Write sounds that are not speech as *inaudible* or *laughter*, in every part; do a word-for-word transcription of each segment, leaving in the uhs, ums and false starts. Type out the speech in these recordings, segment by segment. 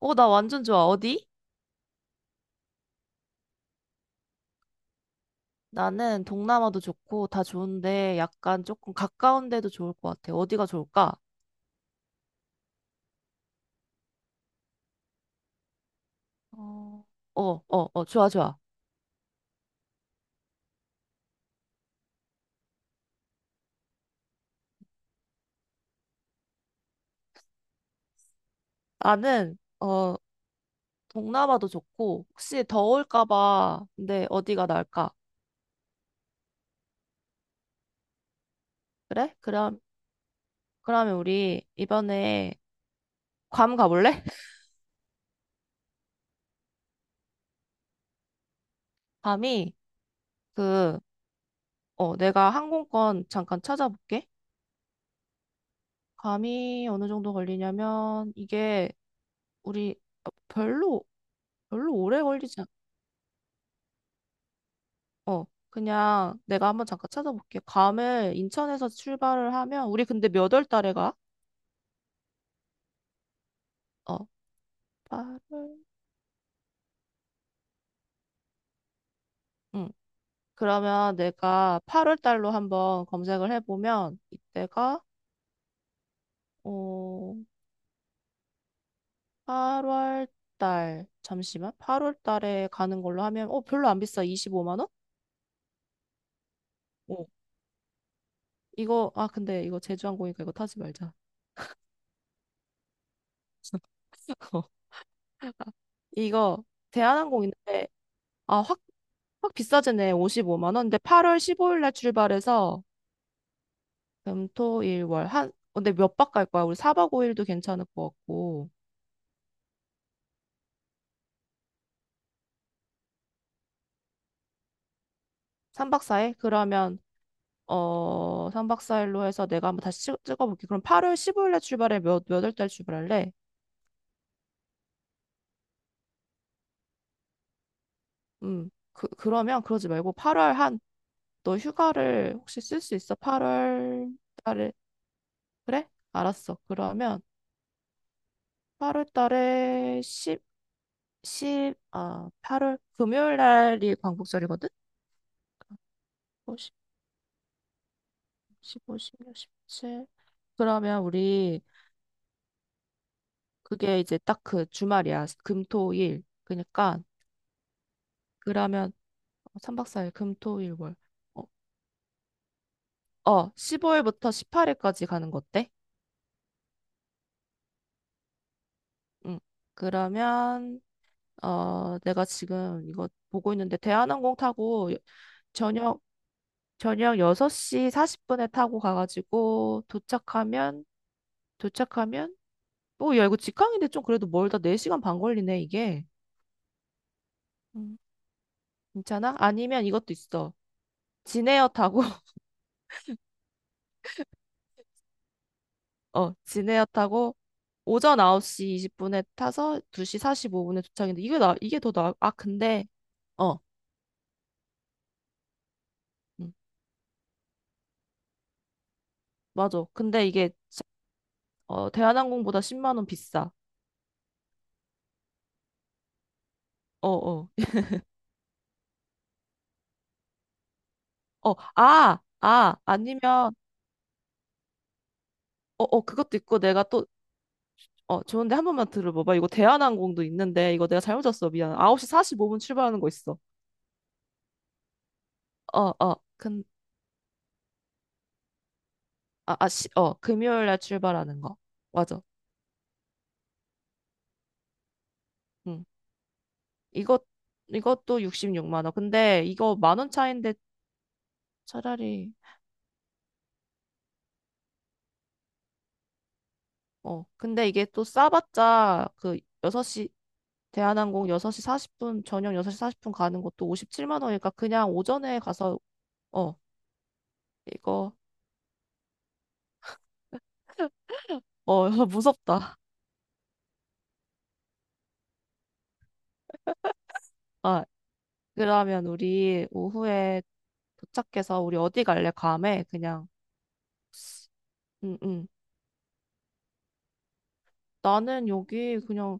어, 나 완전 좋아. 어디? 나는 동남아도 좋고 다 좋은데 약간 조금 가까운 데도 좋을 것 같아. 어디가 좋을까? 어, 어, 어, 어, 좋아, 좋아. 나는, 어, 동남아도 좋고 혹시 더울까 봐. 근데 어디가 나을까? 그래? 그럼, 그러면 우리 이번에 괌 가볼래? *laughs* 괌이 그, 어, 내가 항공권 잠깐 찾아볼게. 괌이 어느 정도 걸리냐면 이게 우리 어, 별로, 별로 오래 걸리지 어, 그냥 내가 한번 잠깐 찾아볼게. 감을 인천에서 출발을 하면, 우리 근데 몇 월 달에 가? 어, 팔월 응. 그러면 내가 팔 월 달로 한번 검색을 해보면, 이때가, 어, 팔 월 달, 잠시만. 팔 월 달에 가는 걸로 하면, 어, 별로 안 비싸. 이십오만 원? 어. 이거, 아, 근데 이거 제주항공이니까 이거 타지 말자. *laughs* 어, 이거 대한항공 인데 아 확 확 비싸지네 오십오만 원 근데 팔 월 십오 일 날 출발해서 금, 토, 일, 월. 한, 어, 근데 몇 박 갈 거야? 우리 사 박 오 일도 괜찮을 것 같고. 삼 박 사 일? 그러면, 어, 삼 박 사 일로 해서 내가 한번 다시 찍, 찍어볼게. 그럼 팔 월 십오 일에 출발해. 몇, 몇월 달 출발할래? 음. 그, 그러면 그러지 말고 팔 월 한, 너 휴가를 혹시 쓸 수 있어? 팔 월 달에. 그래? 알았어. 그러면 팔 월 달에 십, 아, 팔 월 금요일 날이 광복절이거든? 십오, 십오, 십육, 십칠. 그러면 우리 그게 이제 딱 그 주말이야. 금, 토, 일. 그러니까 그러면 삼 박 사 일 금, 토, 일, 월. 어, 어 십오 일부터 십팔 일까지 가는 거 어때? 응. 그러면 어 내가 지금 이거 보고 있는데 대한항공 타고 여- 저녁 저녁 여섯 시 사십 분에 타고 가가지고 도착하면 도착하면 뭐 야 이거 직항인데 좀 그래도 멀다 네 시간 반 걸리네 이게. 음, 괜찮아? 아니면 이것도 있어. 진에어 타고 어, 진에어 타고 오전 아홉 시 이십 분에 타서 두 시 사십오 분에 도착인데 이게 나 이게 더 나, 아 근데 어, 음, 맞아. 근데 이게 어 대한항공보다 십만 원 비싸. 어, 어. 어, 아, 아, 아니면 어, 어 그것도 있고 내가 또 어, 좋은데 한 번만 들어봐 봐. 이거 대한항공도 있는데 이거 내가 잘못 잤어. 미안. 아홉 시 사십오 분 출발하는 거 있어. 어, 어. 근 아, 아, 시, 어, 금요일 날 출발하는 거. 맞아. 응. 이것 이것도 십육만 원. 근데 이거 만 원 차인데 차라리 어 근데 이게 또 싸봤자 그 여섯 시 대한항공 여섯 시 사십 분 저녁 여섯 시 사십 분 가는 것도 오십칠만 원이니까 그냥 오전에 가서 어 이거 어 *laughs* 무섭다. 아 그러면 우리 오후에 도착해서 우리 어디 갈래 감에 그냥 응응 나는 여기 그냥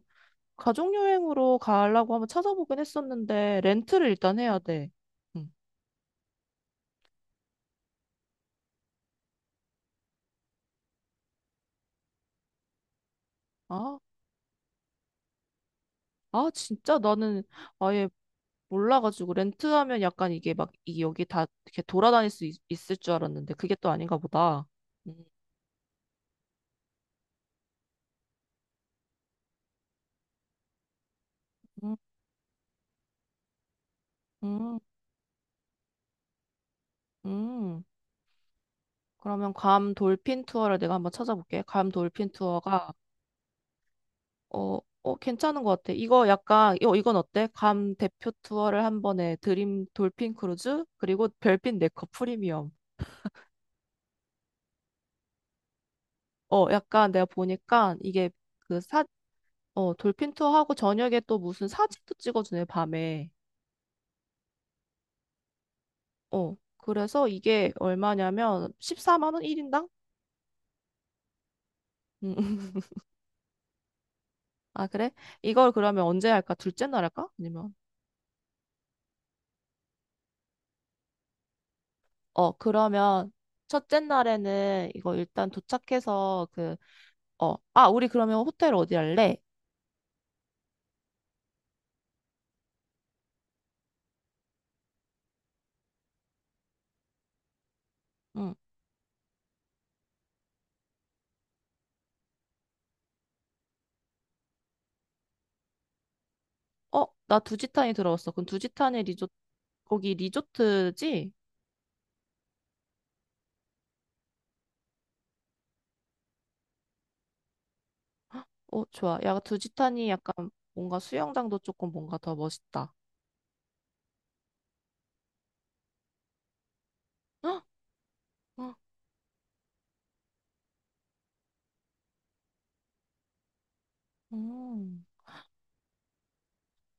가족 여행으로 가려고 한번 찾아보긴 했었는데 렌트를 일단 해야 돼. 응. 아, 아 진짜 나는 아예 몰라가지고 렌트하면 약간 이게 막 이 여기 다 이렇게 돌아다닐 수 있, 을줄 알았는데 그게 또 아닌가 보다. 음, 음, 음. 음. 그러면 괌 돌핀 투어를 내가 한번 찾아볼게. 괌 돌핀 투어가 어, 어 괜찮은 것 같아. 이거 약간 이 이건 어때? 괌 대표 투어를 한 번에 드림 돌핀 크루즈 그리고 별빛 네커 프리미엄. 어 약간 내가 보니까 이게 그 사, 어 돌핀 투어하고 저녁에 또 무슨 사진도 찍어주네 밤에. 어, 그래서 이게 얼마냐면 십사만 원 일 인당? 음, *laughs* 아, 그래? 이걸 그러면 언제 할까? 둘째 날 할까? 아니면? 어, 그러면 첫째 날에는 이거 일단 도착해서 그, 어, 아, 우리 그러면 호텔 어디 할래? 응. 어, 나 두지탄이 들어왔어. 그럼 두지탄이 리조, 거기 리조트지? 어, 좋아. 야, 두지탄이 약간 뭔가 수영장도 조금 뭔가 더 멋있다. *gasps* 헉! 헉! 음.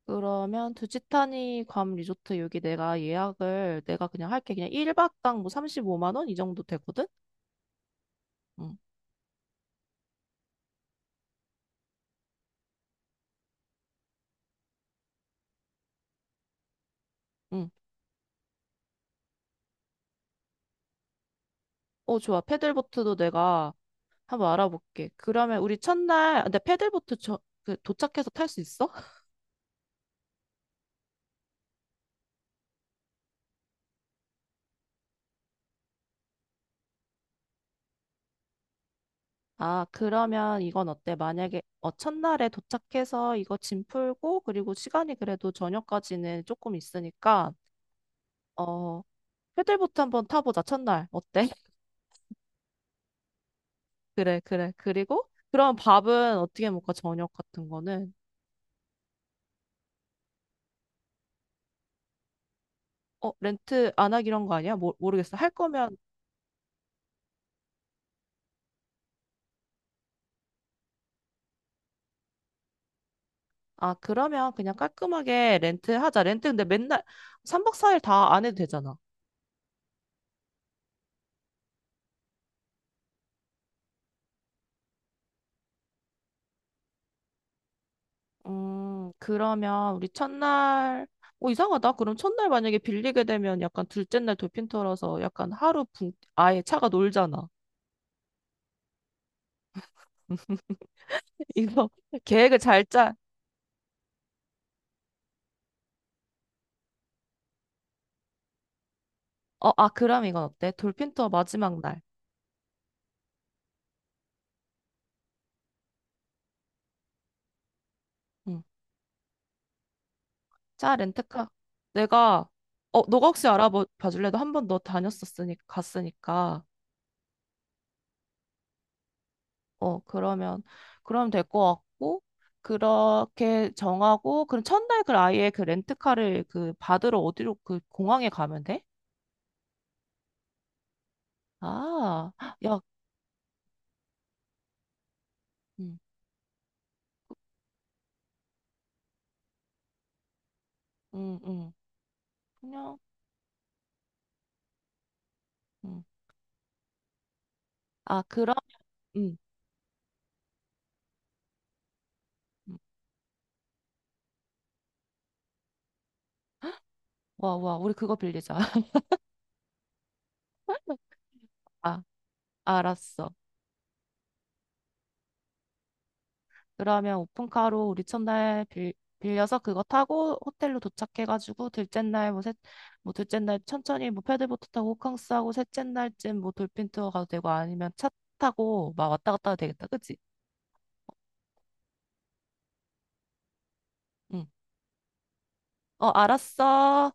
그러면 두지타니 괌 리조트 여기 내가 예약을 내가 그냥 할게. 그냥 일 박당 뭐 삼십오만 원 이 정도 되거든? 응, 응. 어, 좋아. 패들보트도 내가 한번 알아볼게. 그러면 우리 첫날, 아, 근데 패들보트 저, 그 도착해서 탈 수 있어? *laughs* 아, 그러면 이건 어때? 만약에 어, 첫날에 도착해서 이거 짐 풀고 그리고 시간이 그래도 저녁까지는 조금 있으니까 어, 패들보트 한번 타보자. 첫날. 어때? 그래, 그래. 그리고 그럼 밥은 어떻게 먹까? 저녁 같은 거는? 어, 렌트 안 하기로 한거 아니야? 모, 모르겠어. 할 거면, 아, 그러면 그냥 깔끔하게 렌트 하자. 렌트 근데 맨날 삼 박 사 일 다 안 해도 되잖아. 음, 그러면 우리 첫날, 어, 이상하다. 그럼 첫날 만약에 빌리게 되면 약간 둘째 날 돌핀 털어서 약간 하루 붕, 아예 차가 놀잖아. *laughs* 이거 계획을 잘 짜. 어, 아, 그럼 이건 어때? 돌핀 투어 마지막 날. 응. 자, 렌트카. 내가, 어, 너가 혹시 알아봐 줄래? 도 한 번 너 다녔었으니까, 갔으니까. 어, 그러면, 그러면 될 것 같고, 그렇게 정하고, 그럼 첫날 그 아예 그 렌트카를 그 받으러 어디로 그 공항에 가면 돼? 아, *gasps* 야, 음, 음, 음, 그냥, 음. 아, 그럼, 음. 음. 와, 와, 우리 그거 빌리자. *laughs* 아, 알았어. 그러면 오픈카로 우리 첫날 빌, 빌려서 그거 타고 호텔로 도착해가지고 둘째 날 뭐, 셋, 뭐 둘째 날 천천히 뭐 패들보트 타고 호캉스 하고 셋째 날쯤 뭐 돌핀 투어 가도 되고 아니면 차 타고 막 왔다 갔다 해도 되겠다. 그치? 응. 어, 알았어.